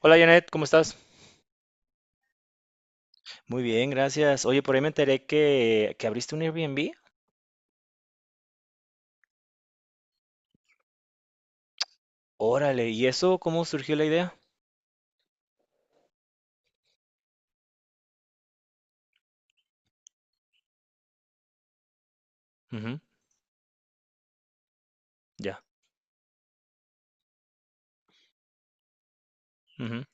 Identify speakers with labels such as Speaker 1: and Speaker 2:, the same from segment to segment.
Speaker 1: Hola Janet, ¿cómo estás? Muy bien, gracias. Oye, por ahí me enteré que abriste un Airbnb. Órale, ¿y eso cómo surgió la idea? Ujú, ya. Ujú,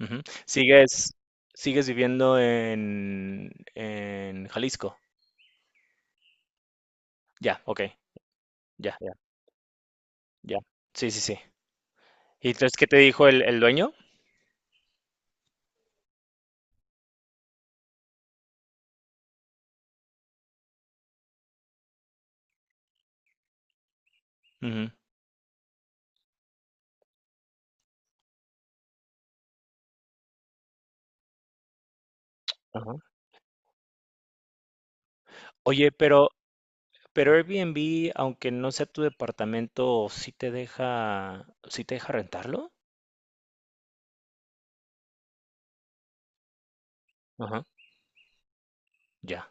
Speaker 1: ujú. ¿Sigues viviendo en Jalisco? Ya, ok, ya, ya, ya. Sí, sí, sí. ¿Y entonces qué te dijo el dueño? Ujú, ajá. Oye, pero Airbnb, aunque no sea tu departamento, ¿sí te deja, sí te deja rentarlo? Ajá, ya.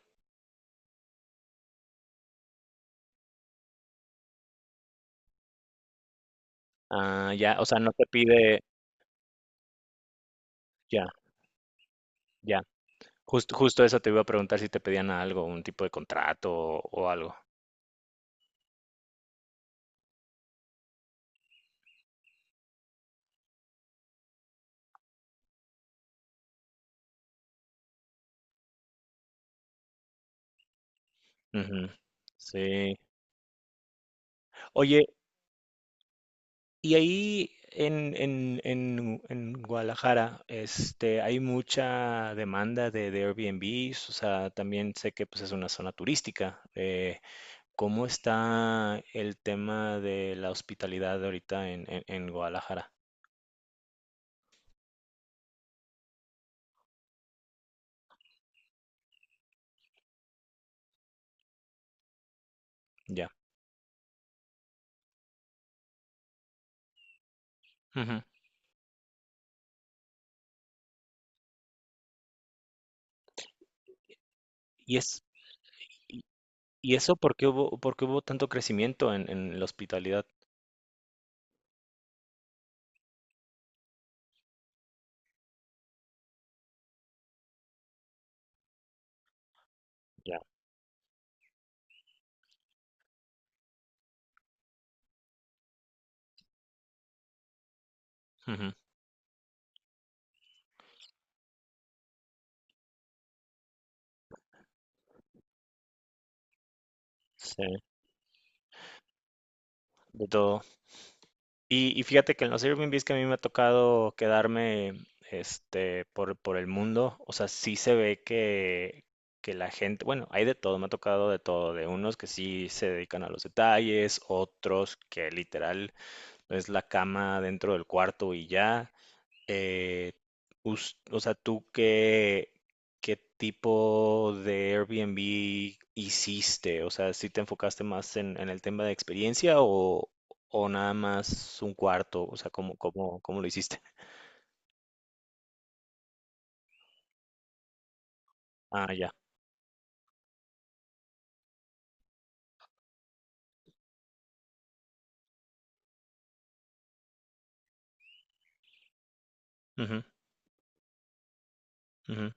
Speaker 1: Ah, ya, o sea, no te pide, ya, ya. Justo, justo eso te iba a preguntar si te pedían algo, un tipo de contrato o algo. Ujú. Sí. Oye, y ahí en Guadalajara, este, hay mucha demanda de Airbnbs, o sea, también sé que pues, es una zona turística. ¿Cómo está el tema de la hospitalidad ahorita en Guadalajara? Ya. Ujú. ¿Y es, y, y eso por qué hubo tanto crecimiento en la hospitalidad? Ya. Ujú. Sí. De todo. Y fíjate que en los Airbnbs que a mí me ha tocado quedarme este, por el mundo, o sea, sí se ve que la gente, bueno, hay de todo, me ha tocado de todo, de unos que sí se dedican a los detalles, otros que literal es la cama dentro del cuarto y ya, eh, o sea, ¿tú qué, qué tipo de Airbnb hiciste? O sea, ¿si te enfocaste más en el tema de experiencia o nada más un cuarto? O sea, ¿cómo, cómo, cómo lo hiciste? Ah, ya. Ujú, ujú,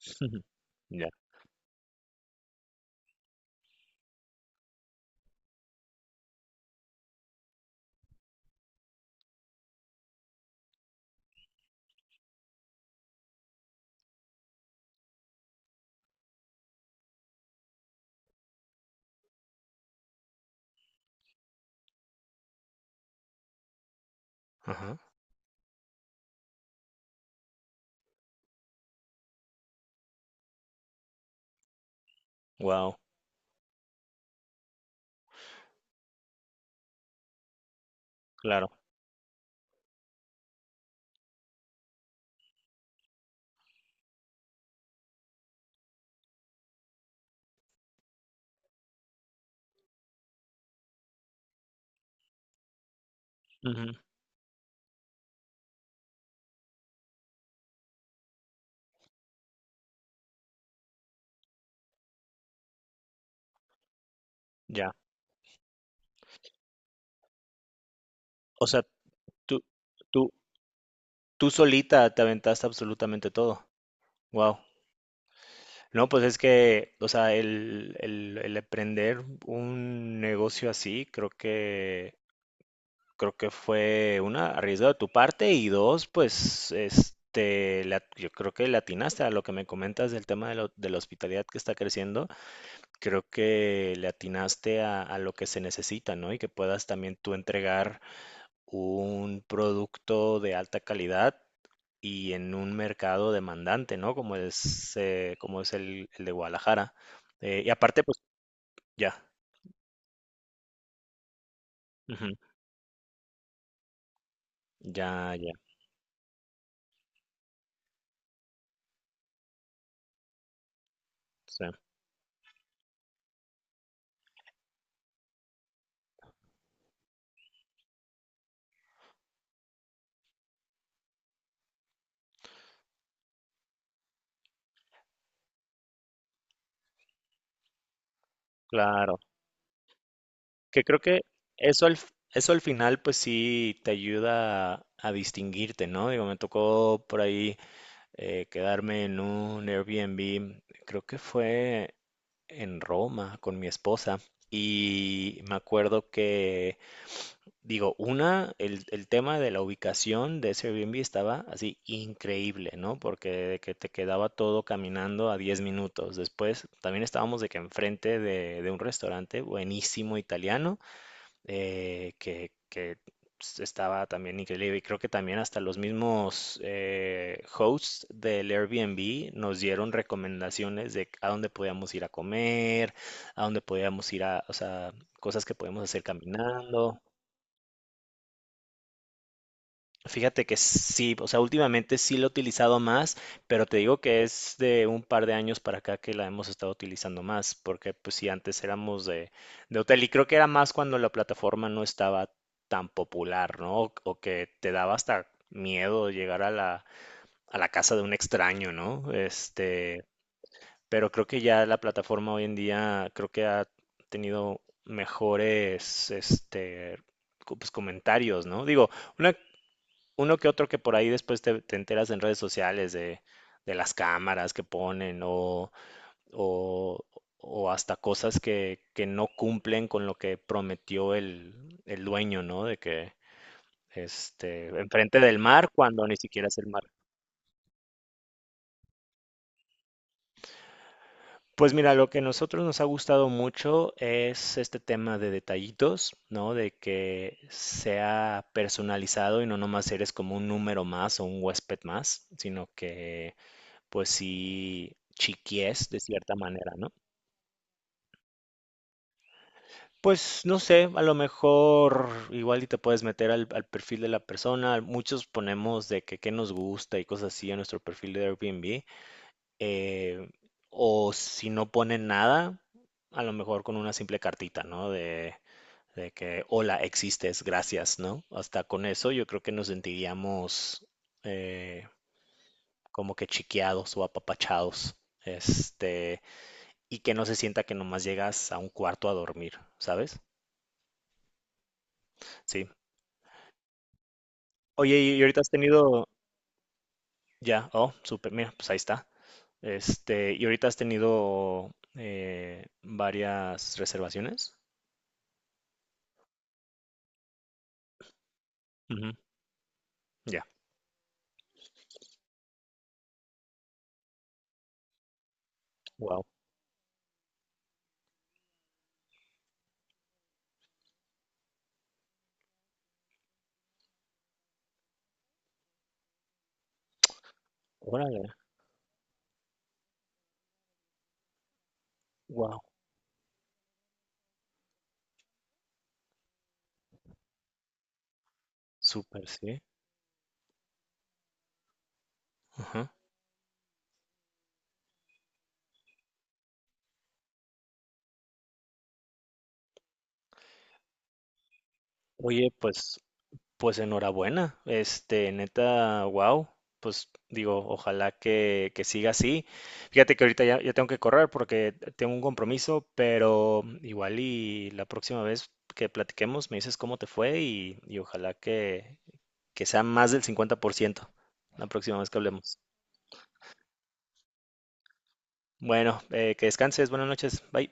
Speaker 1: ujú. Ya. Ajá. Wow. Claro. Ujú, ya. O sea, tú, tú, tú solita te aventaste absolutamente todo. Wow. No, pues es que, o sea, el emprender un negocio así, creo que fue una, arriesgo de tu parte y dos, pues, yo creo que le atinaste a lo que me comentas del tema de, de la hospitalidad que está creciendo, creo que le atinaste a lo que se necesita, ¿no? Y que puedas también tú entregar un producto de alta calidad y en un mercado demandante, ¿no? Como es el de Guadalajara. Y aparte, pues ya, ujú, ya, ya, sí, claro. Que creo que eso al, eso al final, pues sí, te ayuda a distinguirte, ¿no? Digo, me tocó por ahí quedarme en un Airbnb, creo que fue en Roma con mi esposa. Y me acuerdo que digo, una, el tema de la ubicación de ese Airbnb estaba así increíble, ¿no? Porque de que te quedaba todo caminando a 10 minutos. Después también estábamos de que enfrente de un restaurante buenísimo italiano, que estaba también increíble. Y creo que también hasta los mismos hosts del Airbnb nos dieron recomendaciones de a dónde podíamos ir a comer, a dónde podíamos ir a, o sea, cosas que podíamos hacer caminando. Fíjate que sí, o sea, últimamente sí lo he utilizado más, pero te digo que es de un par de años para acá que la hemos estado utilizando más, porque pues sí, antes éramos de hotel y creo que era más cuando la plataforma no estaba tan popular, ¿no? O que te daba hasta miedo llegar a a la casa de un extraño, ¿no? Este, pero creo que ya la plataforma hoy en día creo que ha tenido mejores, pues, comentarios, ¿no? Digo, una, uno que otro que por ahí después te, te enteras en redes sociales de las cámaras que ponen o, o hasta cosas que no cumplen con lo que prometió el dueño, ¿no? De que este, enfrente del mar cuando ni siquiera es el mar. Pues mira, lo que a nosotros nos ha gustado mucho es este tema de detallitos, ¿no? De que sea personalizado y no nomás eres como un número más o un huésped más, sino que pues sí, chiquies de cierta manera, ¿no? Pues no sé, a lo mejor igual y te puedes meter al perfil de la persona. Muchos ponemos de que qué nos gusta y cosas así en nuestro perfil de Airbnb. eh, o si no ponen nada, a lo mejor con una simple cartita, ¿no? De que, hola, existes, gracias, ¿no? Hasta con eso yo creo que nos sentiríamos eh, como que chiqueados o apapachados. Este, y que no se sienta que nomás llegas a un cuarto a dormir, ¿sabes? Sí. Oye, y ahorita has tenido, ya, oh, súper, mira, pues ahí está. Este, y ahorita has tenido varias reservaciones. Ujú, ya. Wow. Órale. Wow. Súper, sí. Ajá. Oye, pues pues enhorabuena, este, neta, wow, pues digo, ojalá que siga así. Fíjate que ahorita ya, ya tengo que correr porque tengo un compromiso, pero igual y la próxima vez que platiquemos me dices cómo te fue y ojalá que sea más del 50% la próxima vez que hablemos. Bueno, que descanses, buenas noches, bye.